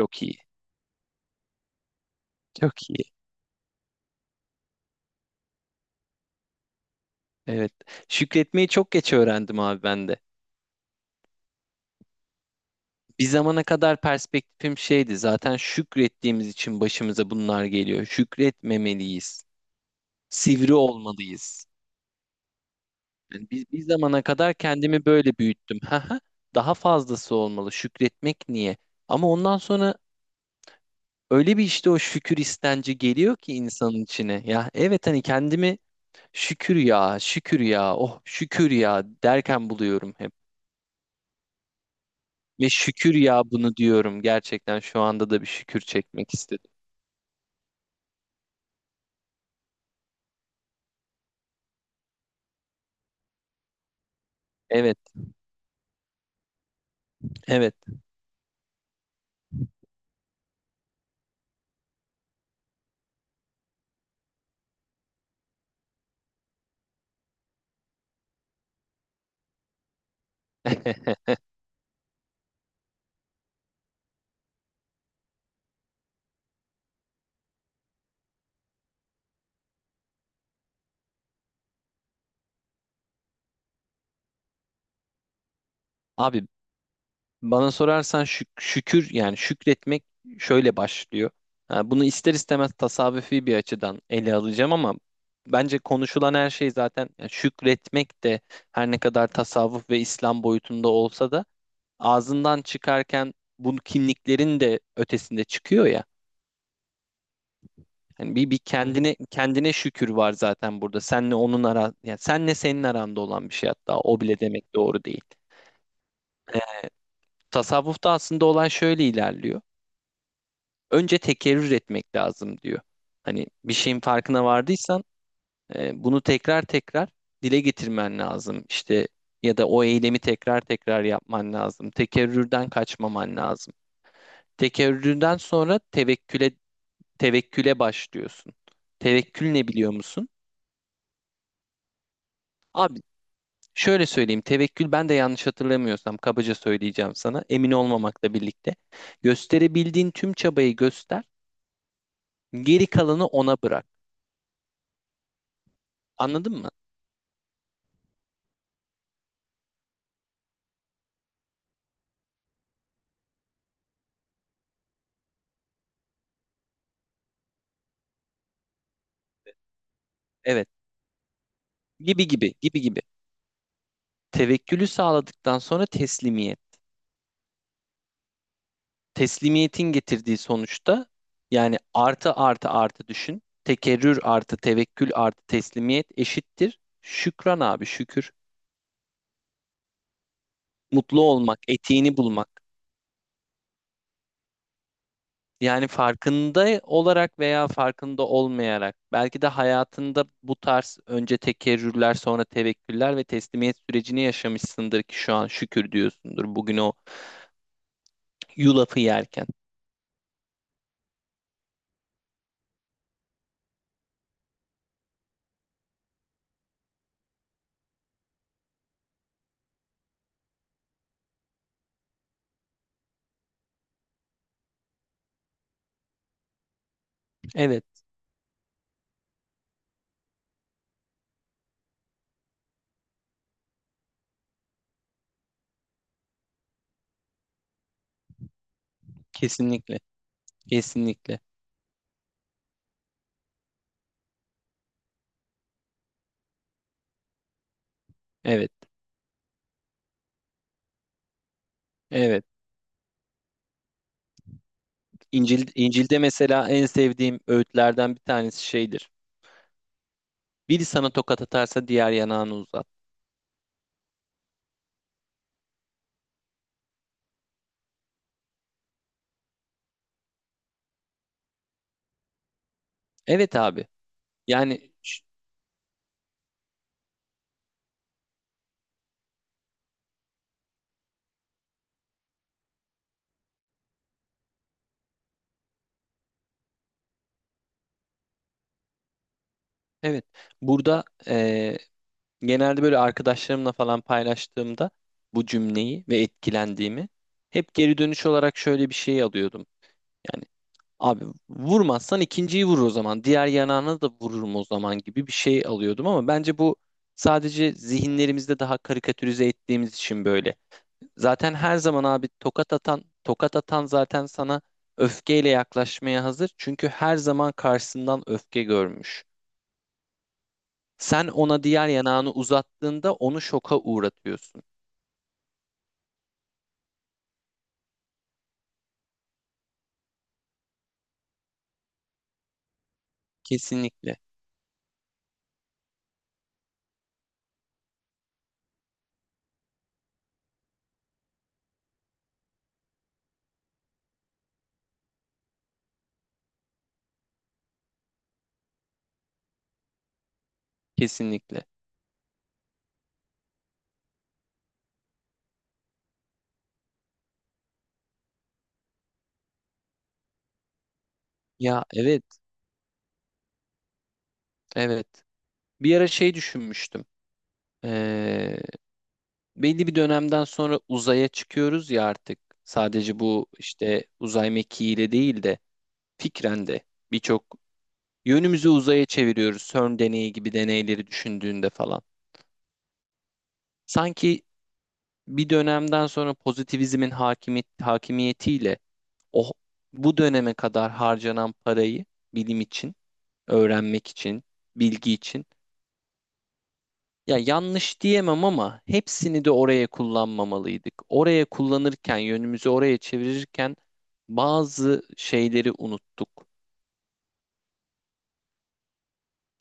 Çok iyi. Çok iyi. Evet. Şükretmeyi çok geç öğrendim abi ben de. Bir zamana kadar perspektifim şeydi. Zaten şükrettiğimiz için başımıza bunlar geliyor. Şükretmemeliyiz. Sivri olmalıyız. Yani bir zamana kadar kendimi böyle büyüttüm. Haha, daha fazlası olmalı. Şükretmek niye? Ama ondan sonra öyle bir işte o şükür istenci geliyor ki insanın içine. Ya evet hani kendimi şükür ya, şükür ya, oh şükür ya derken buluyorum hep. Ve şükür ya bunu diyorum. Gerçekten şu anda da bir şükür çekmek istedim. Evet, evet. Abi bana sorarsan şükür yani şükretmek şöyle başlıyor. Ha, bunu ister istemez tasavvufi bir açıdan ele alacağım ama bence konuşulan her şey zaten yani şükretmek de her ne kadar tasavvuf ve İslam boyutunda olsa da ağzından çıkarken bu kimliklerin de ötesinde çıkıyor ya. Hani bir kendine kendine şükür var zaten burada. Senle onun ara yani senle senin aranda olan bir şey hatta o bile demek doğru değil. Tasavvufta aslında olan şöyle ilerliyor. Önce tekerrür etmek lazım diyor. Hani bir şeyin farkına vardıysan bunu tekrar tekrar dile getirmen lazım. İşte ya da o eylemi tekrar tekrar yapman lazım. Tekerrürden kaçmaman lazım. Tekerrürden sonra tevekküle başlıyorsun. Tevekkül ne biliyor musun? Abi şöyle söyleyeyim, tevekkül ben de yanlış hatırlamıyorsam kabaca söyleyeceğim sana, emin olmamakla birlikte. Gösterebildiğin tüm çabayı göster, geri kalanı ona bırak. Anladın mı? Evet, gibi gibi, gibi gibi. Tevekkülü sağladıktan sonra teslimiyet. Teslimiyetin getirdiği sonuçta yani artı artı artı düşün. Tekerrür artı tevekkül artı teslimiyet eşittir. Şükran abi şükür. Mutlu olmak, etiğini bulmak. Yani farkında olarak veya farkında olmayarak belki de hayatında bu tarz önce tekerrürler sonra tevekküller ve teslimiyet sürecini yaşamışsındır ki şu an şükür diyorsundur bugün o yulafı yerken. Evet, kesinlikle. Kesinlikle. Evet. Evet. İncil, İncil'de mesela en sevdiğim öğütlerden bir tanesi şeydir. Biri sana tokat atarsa diğer yanağını uzat. Evet abi. Yani evet. Burada genelde böyle arkadaşlarımla falan paylaştığımda bu cümleyi ve etkilendiğimi hep geri dönüş olarak şöyle bir şey alıyordum. Yani abi vurmazsan ikinciyi vurur o zaman. Diğer yanağına da vururum o zaman gibi bir şey alıyordum ama bence bu sadece zihinlerimizde daha karikatürize ettiğimiz için böyle. Zaten her zaman abi tokat atan, tokat atan zaten sana öfkeyle yaklaşmaya hazır. Çünkü her zaman karşısından öfke görmüş. Sen ona diğer yanağını uzattığında onu şoka uğratıyorsun. Kesinlikle, kesinlikle. Ya evet, evet. Bir ara şey düşünmüştüm. Ee, Belli bir dönemden sonra uzaya çıkıyoruz ya artık. Sadece bu işte uzay mekiğiyle değil de fikren de birçok yönümüzü uzaya çeviriyoruz. CERN deneyi gibi deneyleri düşündüğünde falan. Sanki bir dönemden sonra pozitivizmin hakimiyet, hakimiyetiyle o bu döneme kadar harcanan parayı bilim için, öğrenmek için, bilgi için ya yanlış diyemem ama hepsini de oraya kullanmamalıydık. Oraya kullanırken, yönümüzü oraya çevirirken bazı şeyleri unuttuk.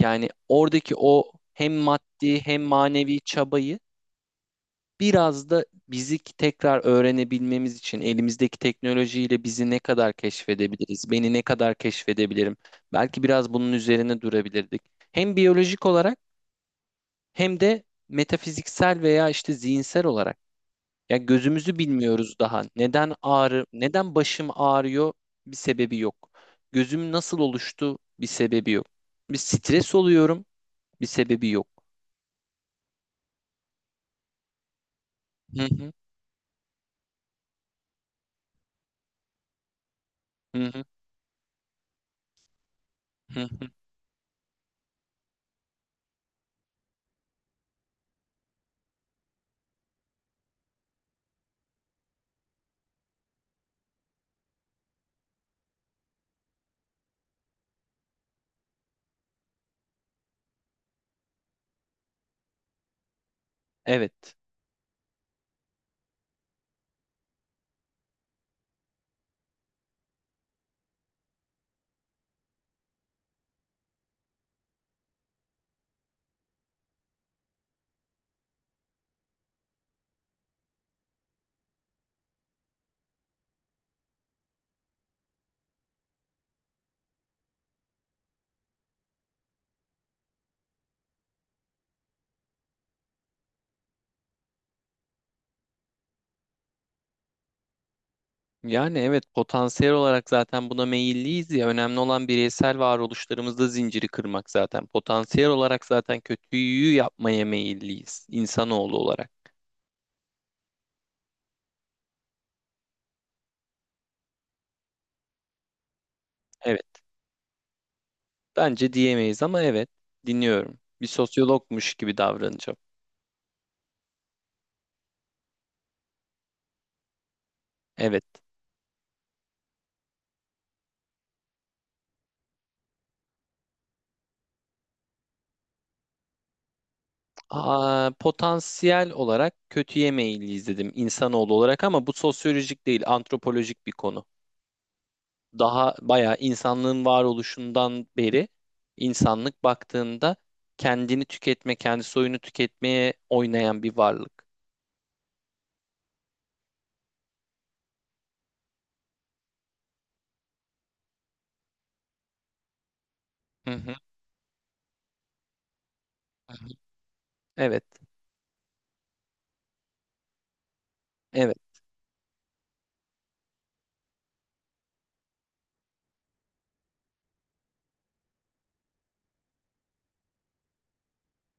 Yani oradaki o hem maddi hem manevi çabayı biraz da bizi tekrar öğrenebilmemiz için elimizdeki teknolojiyle bizi ne kadar keşfedebiliriz, beni ne kadar keşfedebilirim? Belki biraz bunun üzerine durabilirdik. Hem biyolojik olarak hem de metafiziksel veya işte zihinsel olarak. Ya gözümüzü bilmiyoruz daha. Neden ağrı, neden başım ağrıyor? Bir sebebi yok. Gözüm nasıl oluştu? Bir sebebi yok. Bir stres oluyorum. Bir sebebi yok. Hı hı, hı hı, hı hı. Evet. Yani evet potansiyel olarak zaten buna meyilliyiz ya önemli olan bireysel varoluşlarımızda zinciri kırmak zaten. Potansiyel olarak zaten kötüyü yapmaya meyilliyiz insanoğlu olarak. Evet bence diyemeyiz ama evet dinliyorum. Bir sosyologmuş gibi davranacağım. Evet. Aa, potansiyel olarak kötüye meyilliyiz dedim insanoğlu olarak ama bu sosyolojik değil antropolojik bir konu. Daha bayağı insanlığın varoluşundan beri insanlık baktığında kendini tüketme, kendi soyunu tüketmeye oynayan bir varlık. Hı hı, hı hı. Evet, evet.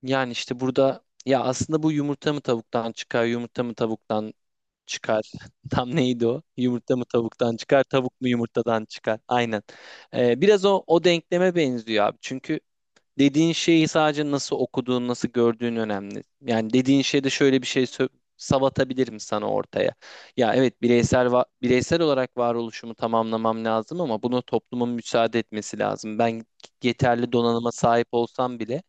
Yani işte burada ya aslında bu yumurta mı tavuktan çıkar, yumurta mı tavuktan çıkar? Tam neydi o? Yumurta mı tavuktan çıkar, tavuk mu yumurtadan çıkar? Aynen. Biraz o denkleme benziyor abi. Çünkü dediğin şeyi sadece nasıl okuduğun, nasıl gördüğün önemli. Yani dediğin şeyde şöyle bir şey savatabilirim sana ortaya. Ya evet bireysel olarak varoluşumu tamamlamam lazım ama buna toplumun müsaade etmesi lazım. Ben yeterli donanıma sahip olsam bile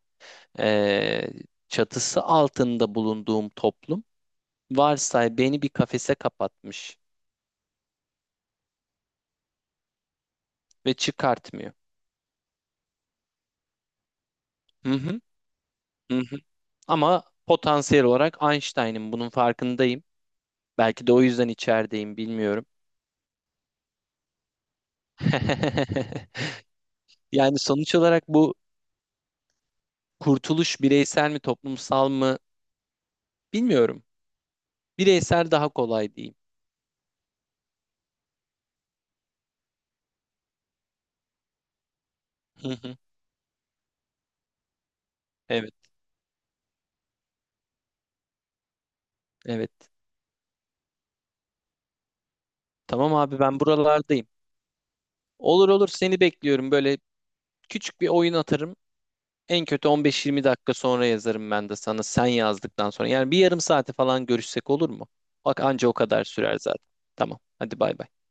eee, çatısı altında bulunduğum toplum varsay beni bir kafese kapatmış ve çıkartmıyor. Hı hı, hı hı. Ama potansiyel olarak Einstein'ın bunun farkındayım. Belki de o yüzden içerideyim bilmiyorum. Yani sonuç olarak bu kurtuluş bireysel mi toplumsal mı bilmiyorum. Bireysel daha kolay diyeyim. Hı hı. Evet, evet. Tamam abi ben buralardayım. Olur olur seni bekliyorum. Böyle küçük bir oyun atarım. En kötü 15-20 dakika sonra yazarım ben de sana sen yazdıktan sonra. Yani bir yarım saate falan görüşsek olur mu? Bak anca o kadar sürer zaten. Tamam. Hadi bay bay.